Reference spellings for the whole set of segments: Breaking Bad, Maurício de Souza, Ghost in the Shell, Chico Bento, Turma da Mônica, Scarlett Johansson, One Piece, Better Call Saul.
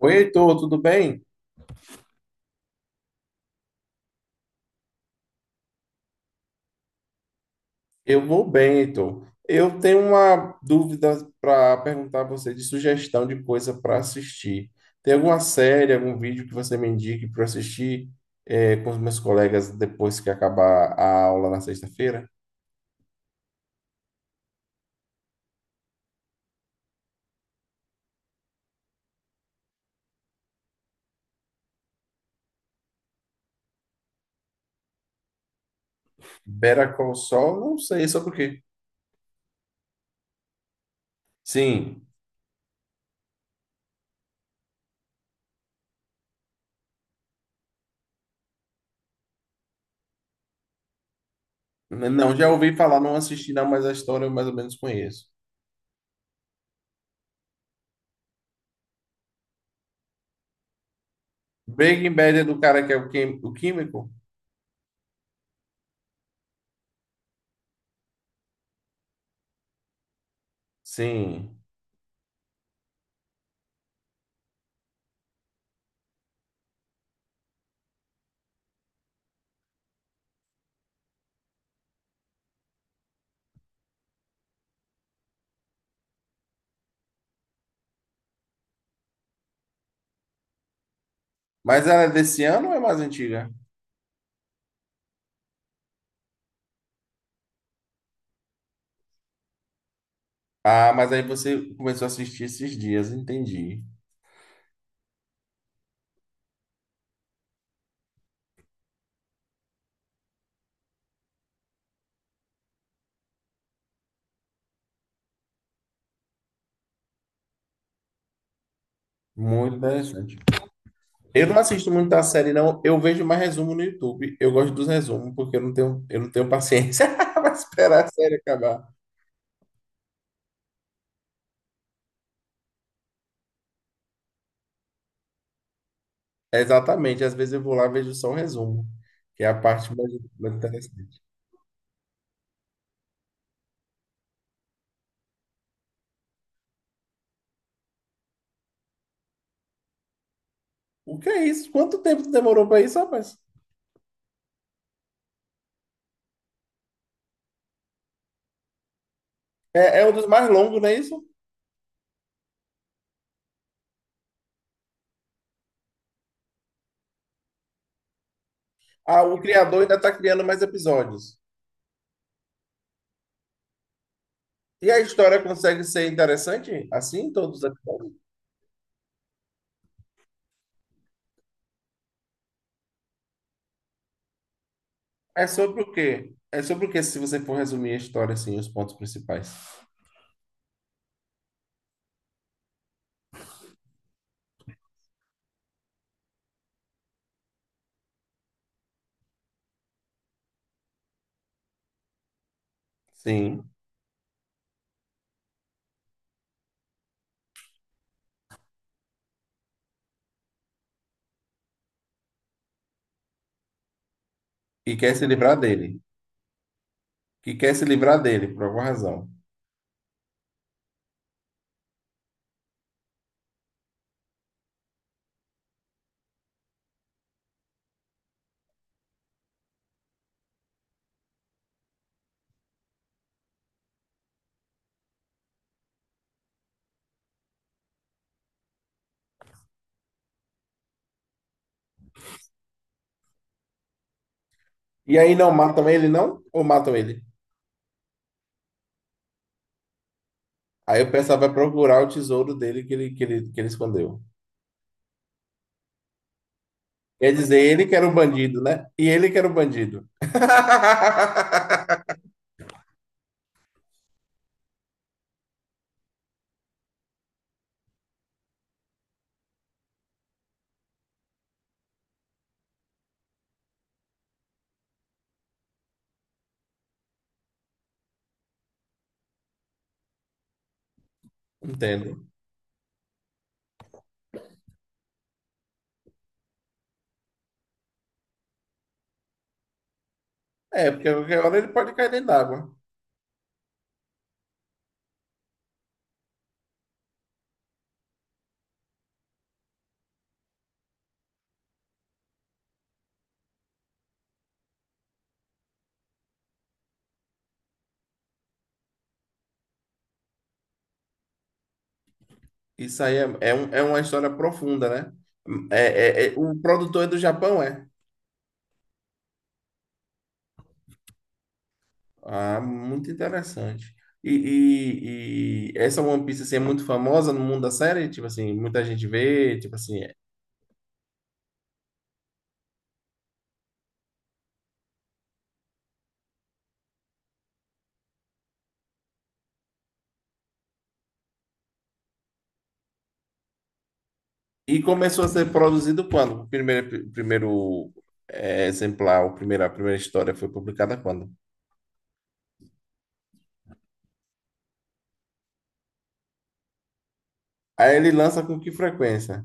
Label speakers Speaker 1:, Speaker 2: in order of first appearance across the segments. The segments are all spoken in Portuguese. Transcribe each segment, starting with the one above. Speaker 1: Oi, Heitor, tudo bem? Eu vou bem, Heitor. Eu tenho uma dúvida para perguntar a você de sugestão de coisa para assistir. Tem alguma série, algum vídeo que você me indique para assistir com os meus colegas depois que acabar a aula na sexta-feira? Better Call Saul, não sei sobre o quê. Sim, não, já ouvi falar, não assisti não, mas a história eu mais ou menos conheço. Breaking Bad é do cara que é o o químico? Sim. Mas ela é desse ano ou é mais antiga? Ah, mas aí você começou a assistir esses dias, entendi. Muito interessante. Eu não assisto muita série, não. Eu vejo mais resumo no YouTube. Eu gosto dos resumos, porque eu não tenho paciência para esperar a série acabar. Exatamente. Às vezes eu vou lá e vejo só o resumo, que é a parte mais, mais interessante. O que é isso? Quanto tempo demorou para isso, rapaz? É, é um dos mais longos, não é isso? Ah, o criador ainda está criando mais episódios. E a história consegue ser interessante assim, todos os episódios? É sobre o quê? É sobre o quê, se você for resumir a história, assim, os pontos principais. Sim. E quer se livrar dele. Que quer se livrar dele, por alguma razão. E aí não matam ele, não? Ou matam ele? Aí o pessoal vai procurar o tesouro dele que ele escondeu. Quer dizer, ele que era o bandido, né? E ele que era o bandido. Entendo. É, porque a qualquer hora ele pode cair dentro d'água. Isso aí é uma história profunda, né? É, o produtor é do Japão, é? Ah, muito interessante. E essa One Piece assim, é muito famosa no mundo da série? Tipo assim, muita gente vê, tipo assim. É. E começou a ser produzido quando? O primeiro exemplar, o primeiro, a primeira história foi publicada quando? Aí ele lança com que frequência?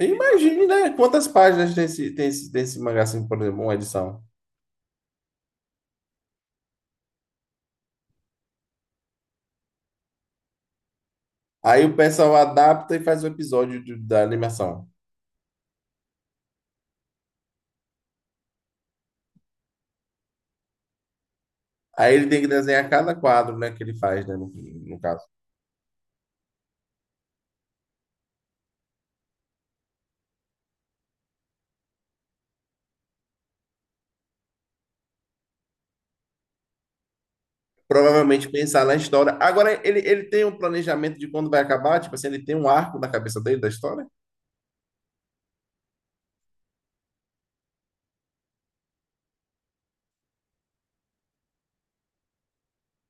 Speaker 1: Imagine, né? Quantas páginas tem tem esse mangá, assim, por exemplo, uma edição? Aí o pessoal adapta e faz o episódio da animação. Aí ele tem que desenhar cada quadro, né, que ele faz, né, no caso. Provavelmente pensar na história. Agora, ele tem um planejamento de quando vai acabar? Tipo assim, ele tem um arco na cabeça dele da história?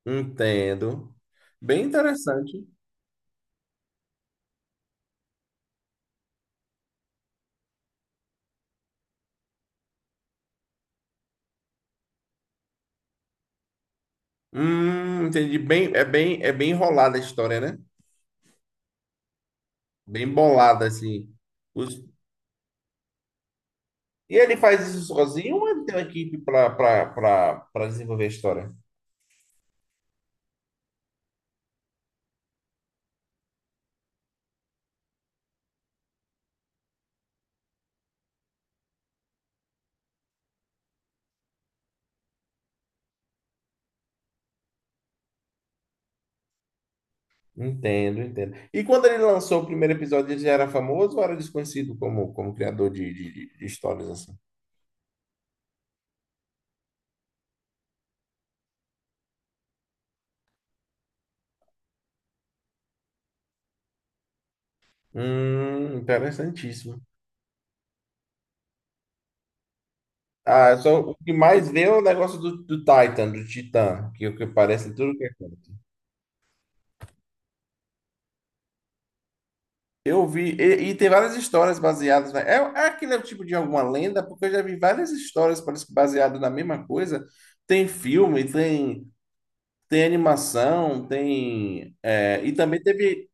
Speaker 1: Entendo. Bem interessante. Entendi. É bem enrolada a história, né? Bem bolada, assim. Os- E ele faz isso sozinho ou ele tem uma equipe para desenvolver a história? Entendo, entendo. E quando ele lançou o primeiro episódio, ele já era famoso ou era desconhecido como, de histórias assim? Interessantíssimo. Ah, só o que mais vê é o negócio do Titan, do Titã, que parece tudo que é. Coisa. Eu vi, e tem várias histórias baseadas, né? É, é aquele tipo de alguma lenda, porque eu já vi várias histórias parece que baseadas na mesma coisa. Tem filme, tem, tem animação, tem. É, e também teve,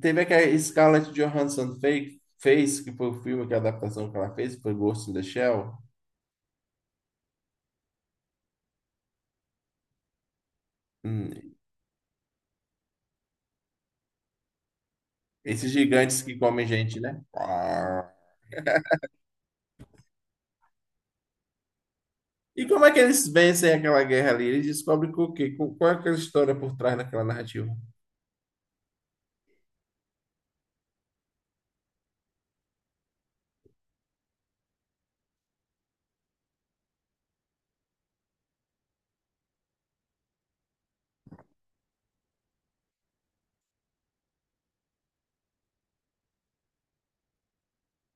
Speaker 1: teve a que a Scarlett Johansson fez, que foi o filme, que a adaptação que ela fez, foi Ghost in the Shell. Hum, esses gigantes que comem gente, né? E como é que eles vencem aquela guerra ali? Eles descobrem que o quê? Qual é aquela história por trás daquela narrativa?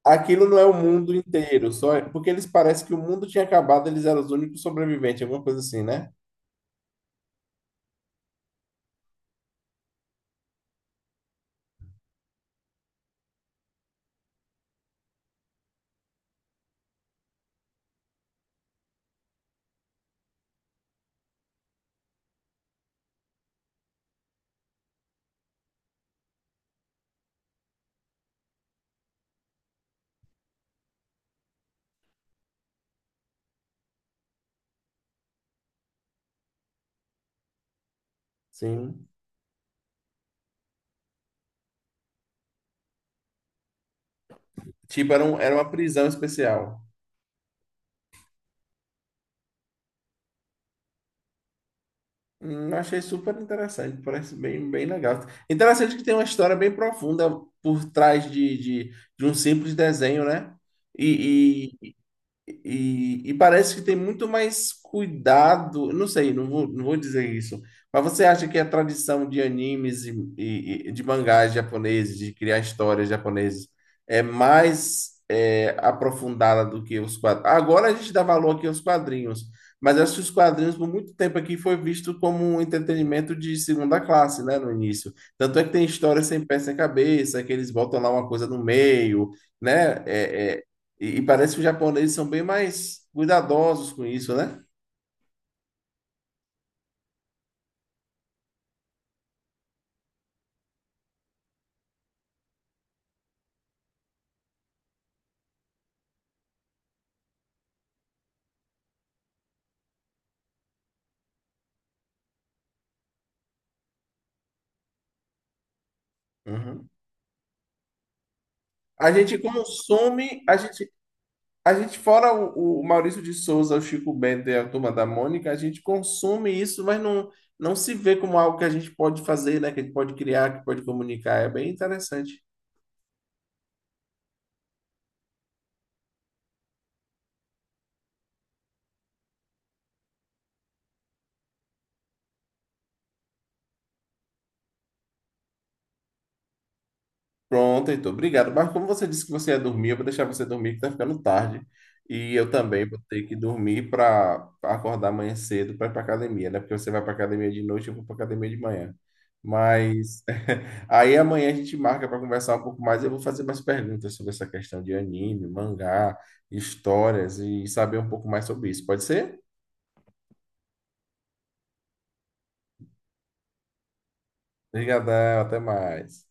Speaker 1: Aquilo não é o mundo inteiro, porque eles parecem que o mundo tinha acabado, eles eram os únicos sobreviventes, alguma coisa assim, né? Sim. Tipo, era uma prisão especial. Achei super interessante, parece bem, bem legal. Interessante que tem uma história bem profunda por trás de um simples desenho, né? E, e parece que tem muito mais cuidado. Não sei, não vou dizer isso. Mas você acha que a tradição de animes e de mangás japoneses, de criar histórias japonesas, é mais aprofundada do que os quadrinhos? Agora a gente dá valor aqui aos quadrinhos, mas acho que os quadrinhos por muito tempo aqui foi visto como um entretenimento de segunda classe, né, no início. Tanto é que tem histórias sem pé sem cabeça, que eles botam lá uma coisa no meio, né? E parece que os japoneses são bem mais cuidadosos com isso, né? Uhum. A gente consome, a gente A gente, fora o Maurício de Souza, o Chico Bento e a Turma da Mônica, a gente consome isso, mas não se vê como algo que a gente pode fazer, né? Que a gente pode criar, que pode comunicar. É bem interessante. Pronto, Heitor, obrigado. Mas como você disse que você ia dormir, eu vou deixar você dormir, que tá ficando tarde. E eu também vou ter que dormir para acordar amanhã cedo para ir para academia, né? Porque você vai para academia de noite, eu vou para academia de manhã. Mas aí amanhã a gente marca para conversar um pouco mais. Eu vou fazer mais perguntas sobre essa questão de anime, mangá, histórias e saber um pouco mais sobre isso. Pode ser? Obrigadão, até mais.